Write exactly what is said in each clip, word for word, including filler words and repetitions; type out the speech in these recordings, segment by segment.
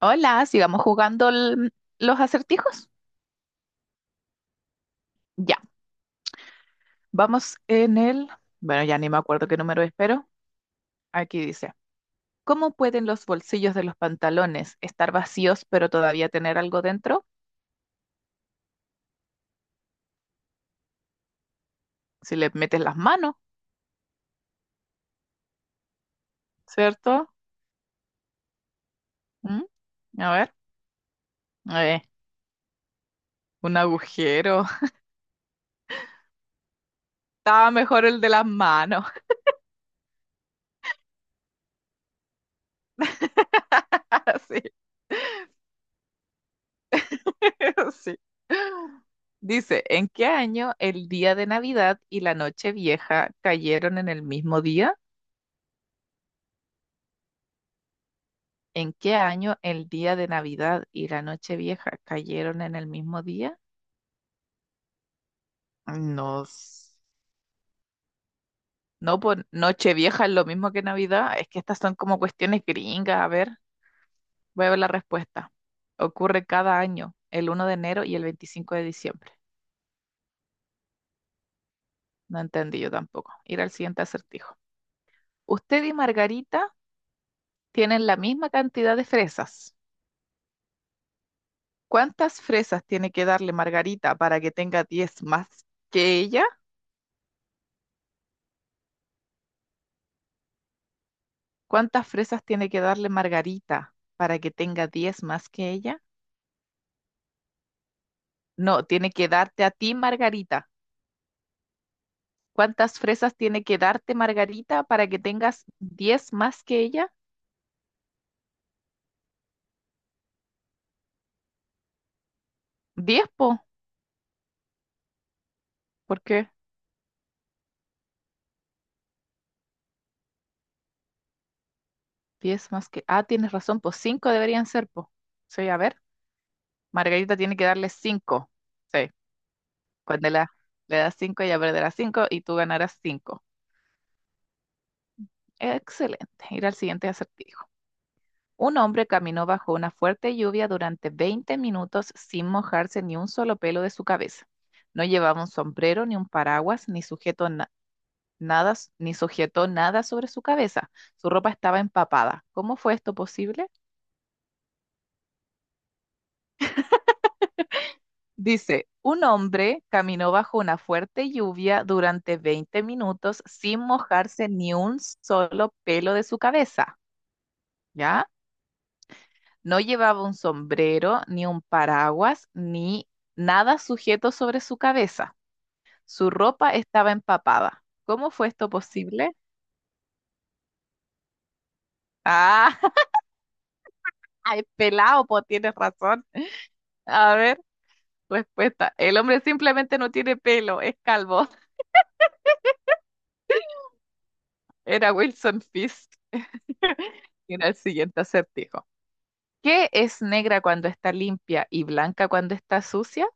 Hola, sigamos jugando el- los acertijos. Ya, vamos en el... Bueno, ya ni me acuerdo qué número es, pero aquí dice, ¿cómo pueden los bolsillos de los pantalones estar vacíos pero todavía tener algo dentro? Si le metes las manos, ¿cierto? ¿Mm? A ver, eh, un agujero. Estaba mejor el de las manos. Sí, sí. Dice, ¿en qué año el día de Navidad y la noche vieja cayeron en el mismo día? ¿En qué año el día de Navidad y la Nochevieja cayeron en el mismo día? No, s- no, pues Nochevieja es lo mismo que Navidad. Es que estas son como cuestiones gringas. A ver, voy a ver la respuesta. Ocurre cada año, el uno de enero y el veinticinco de diciembre. No entendí yo tampoco. Ir al siguiente acertijo. Usted y Margarita tienen la misma cantidad de fresas. ¿Cuántas fresas tiene que darle Margarita para que tenga diez más que ella? ¿Cuántas fresas tiene que darle Margarita para que tenga diez más que ella? No, tiene que darte a ti, Margarita. ¿Cuántas fresas tiene que darte Margarita para que tengas diez más que ella? Diez, po. ¿Por qué? Diez más que... Ah, tienes razón, po. Cinco deberían ser, po. Sí, a ver. Margarita tiene que darle cinco. Sí. Cuando la- Le das cinco, ella perderá cinco y tú ganarás cinco. Excelente. Ir al siguiente acertijo. Un hombre caminó bajo una fuerte lluvia durante veinte minutos sin mojarse ni un solo pelo de su cabeza. No llevaba un sombrero, ni un paraguas, ni sujeto na- nada, s- ni sujetó nada sobre su cabeza. Su ropa estaba empapada. ¿Cómo fue esto posible? Dice, un hombre caminó bajo una fuerte lluvia durante veinte minutos sin mojarse ni un solo pelo de su cabeza. ¿Ya? No llevaba un sombrero, ni un paraguas, ni nada sujeto sobre su cabeza. Su ropa estaba empapada. ¿Cómo fue esto posible? Ah, ay, pelado, pues tienes razón. A ver, respuesta. El hombre simplemente no tiene pelo, es calvo. Era Wilson Fisk. Mira el siguiente acertijo. ¿Qué es negra cuando está limpia y blanca cuando está sucia?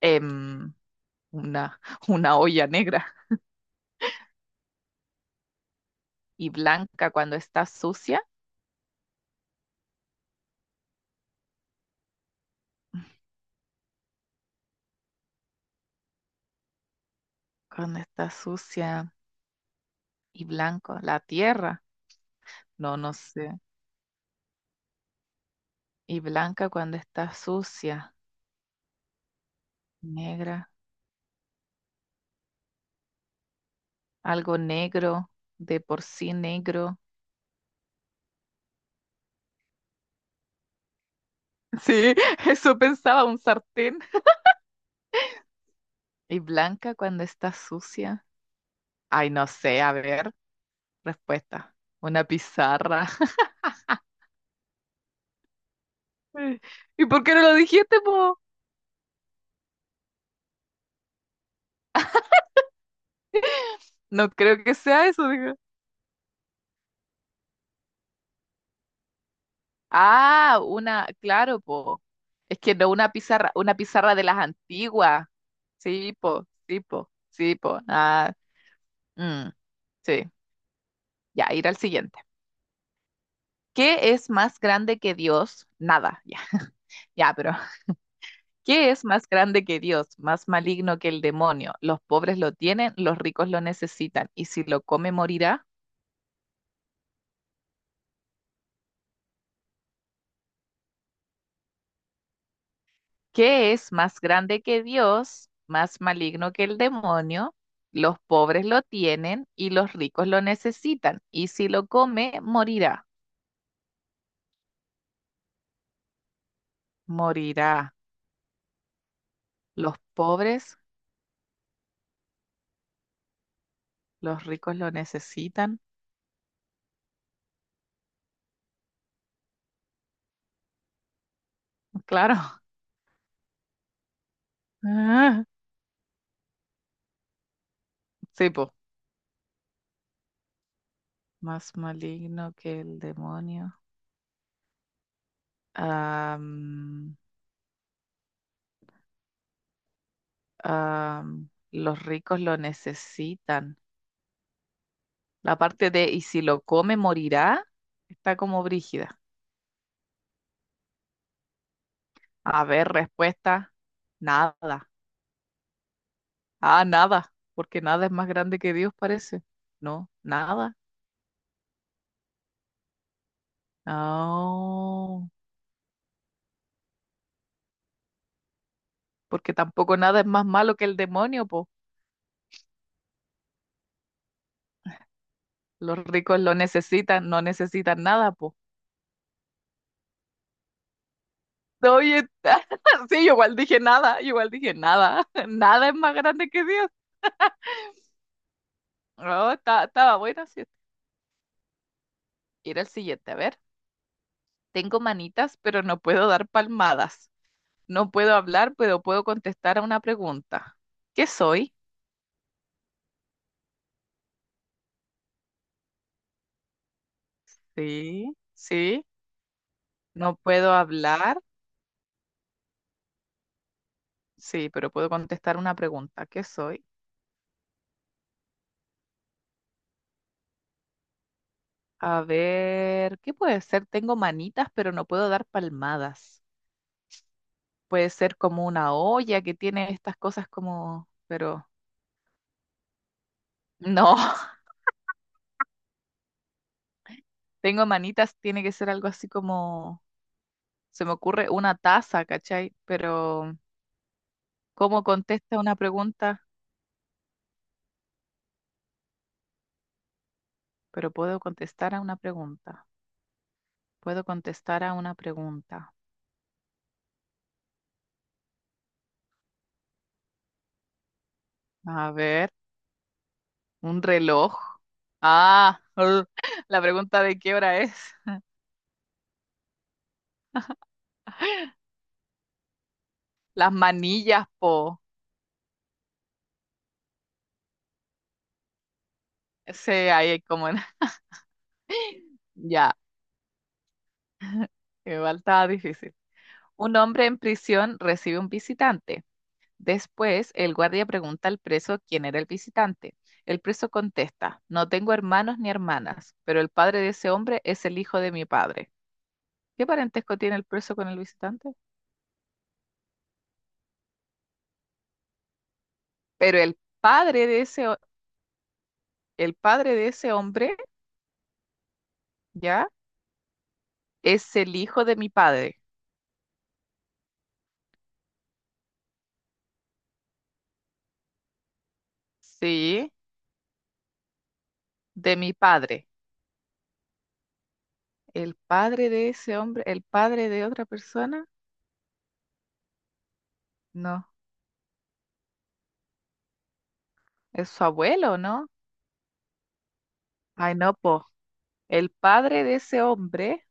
Em, una, una olla negra. ¿Y blanca cuando está sucia? Cuando está sucia y blanco, la tierra, no, no sé, y blanca cuando está sucia, negra, algo negro, de por sí negro. Sí, eso pensaba un sartén. Y blanca cuando está sucia. Ay, no sé, a ver, respuesta, una pizarra. ¿Y por qué no lo dijiste, po? No creo que sea eso, digo. Ah, una, claro, po. Es que no una pizarra, una pizarra de las antiguas. Sí, po, sí, po, sí, po. Ah, mm, sí, ya, ir al siguiente. ¿Qué es más grande que Dios? Nada, ya, ya, pero ¿qué es más grande que Dios? Más maligno que el demonio. Los pobres lo tienen, los ricos lo necesitan, y si lo come morirá. ¿Qué es más grande que Dios? Más maligno que el demonio. Los pobres lo tienen y los ricos lo necesitan, y si lo come morirá. Morirá. Los pobres. Los ricos lo necesitan, claro. Ah, sí, po. Más maligno que el demonio. Am, am, los ricos lo necesitan. La parte de y si lo come morirá está como brígida. A ver, respuesta, nada. Ah, nada, porque nada es más grande que Dios, parece. No, nada. No, porque tampoco nada es más malo que el demonio, po. Los ricos lo necesitan, no necesitan nada, po. No, y esta- Sí, yo igual dije nada, yo igual dije nada, nada es más grande que Dios. No, ta- estaba buena, sí. Era el siguiente, a ver, tengo manitas, pero no puedo dar palmadas. No puedo hablar, pero puedo contestar a una pregunta. ¿Qué soy? Sí, sí, no puedo hablar, sí, pero puedo contestar una pregunta. ¿Qué soy? A ver, ¿qué puede ser? Tengo manitas, pero no puedo dar palmadas. Puede ser como una olla que tiene estas cosas como, pero... No, tengo manitas, tiene que ser algo así como, se me ocurre una taza, ¿cachai? Pero, ¿cómo contesta una pregunta? Pero puedo contestar a una pregunta. Puedo contestar a una pregunta. A ver, un reloj. Ah, ur, la pregunta de qué hora es. Las manillas, po. Ese ahí es como en- Ya, igual estaba difícil. Un hombre en prisión recibe un visitante. Después, el guardia pregunta al preso quién era el visitante. El preso contesta, no tengo hermanos ni hermanas, pero el padre de ese hombre es el hijo de mi padre. ¿Qué parentesco tiene el preso con el visitante? Pero el padre de ese, ho- el padre de ese hombre, ¿ya? Es el hijo de mi padre. Sí, de mi padre. ¿El padre de ese hombre, el padre de otra persona? No, es su abuelo, ¿no? Ay, no, po. El padre de ese hombre,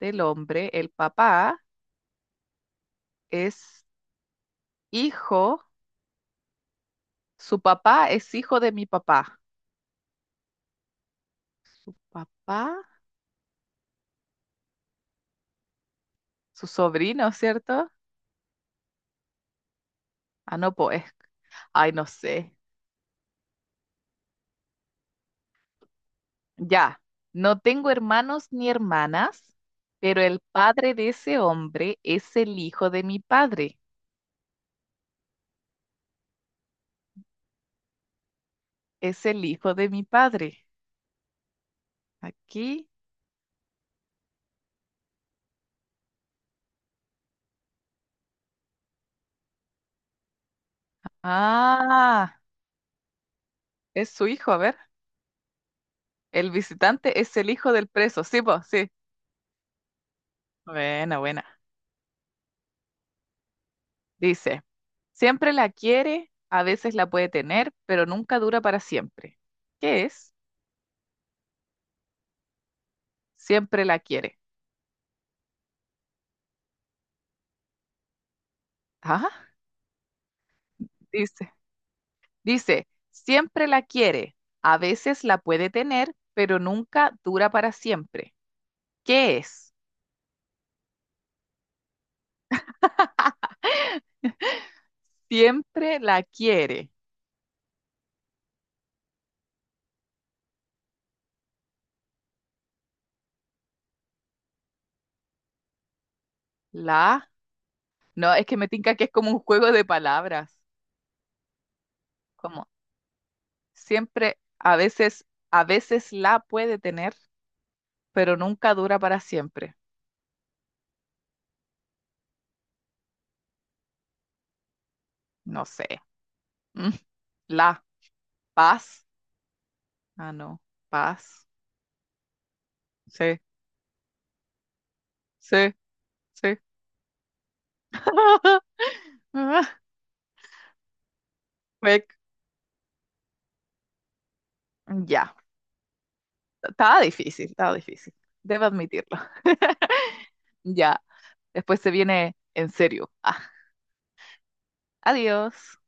del hombre, el papá es hijo, su papá es hijo de mi papá. Papá, su sobrino, ¿cierto? Ah, no, pues. Ay, no sé. Ya, no tengo hermanos ni hermanas, pero el padre de ese hombre es el hijo de mi padre. Es el hijo de mi padre. Aquí. Ah, es su hijo, a ver. El visitante es el hijo del preso. Sí, pues, sí. Buena, buena. Dice, siempre la quiere, a veces la puede tener, pero nunca dura para siempre. ¿Qué es? Siempre la quiere. Ah, dice, dice, siempre la quiere, a veces la puede tener, pero nunca dura para siempre. ¿Qué es? Siempre la quiere. La, no, es que me tinca que es como un juego de palabras. Como siempre, a veces, a veces la puede tener, pero nunca dura para siempre. No sé. Mm, la. Paz. Ah, no. Paz. Sí, sí, sí. Ah, fue- Ya. Estaba difícil, estaba difícil. Debo admitirlo. Ya. Después se viene en serio. Ah, adiós.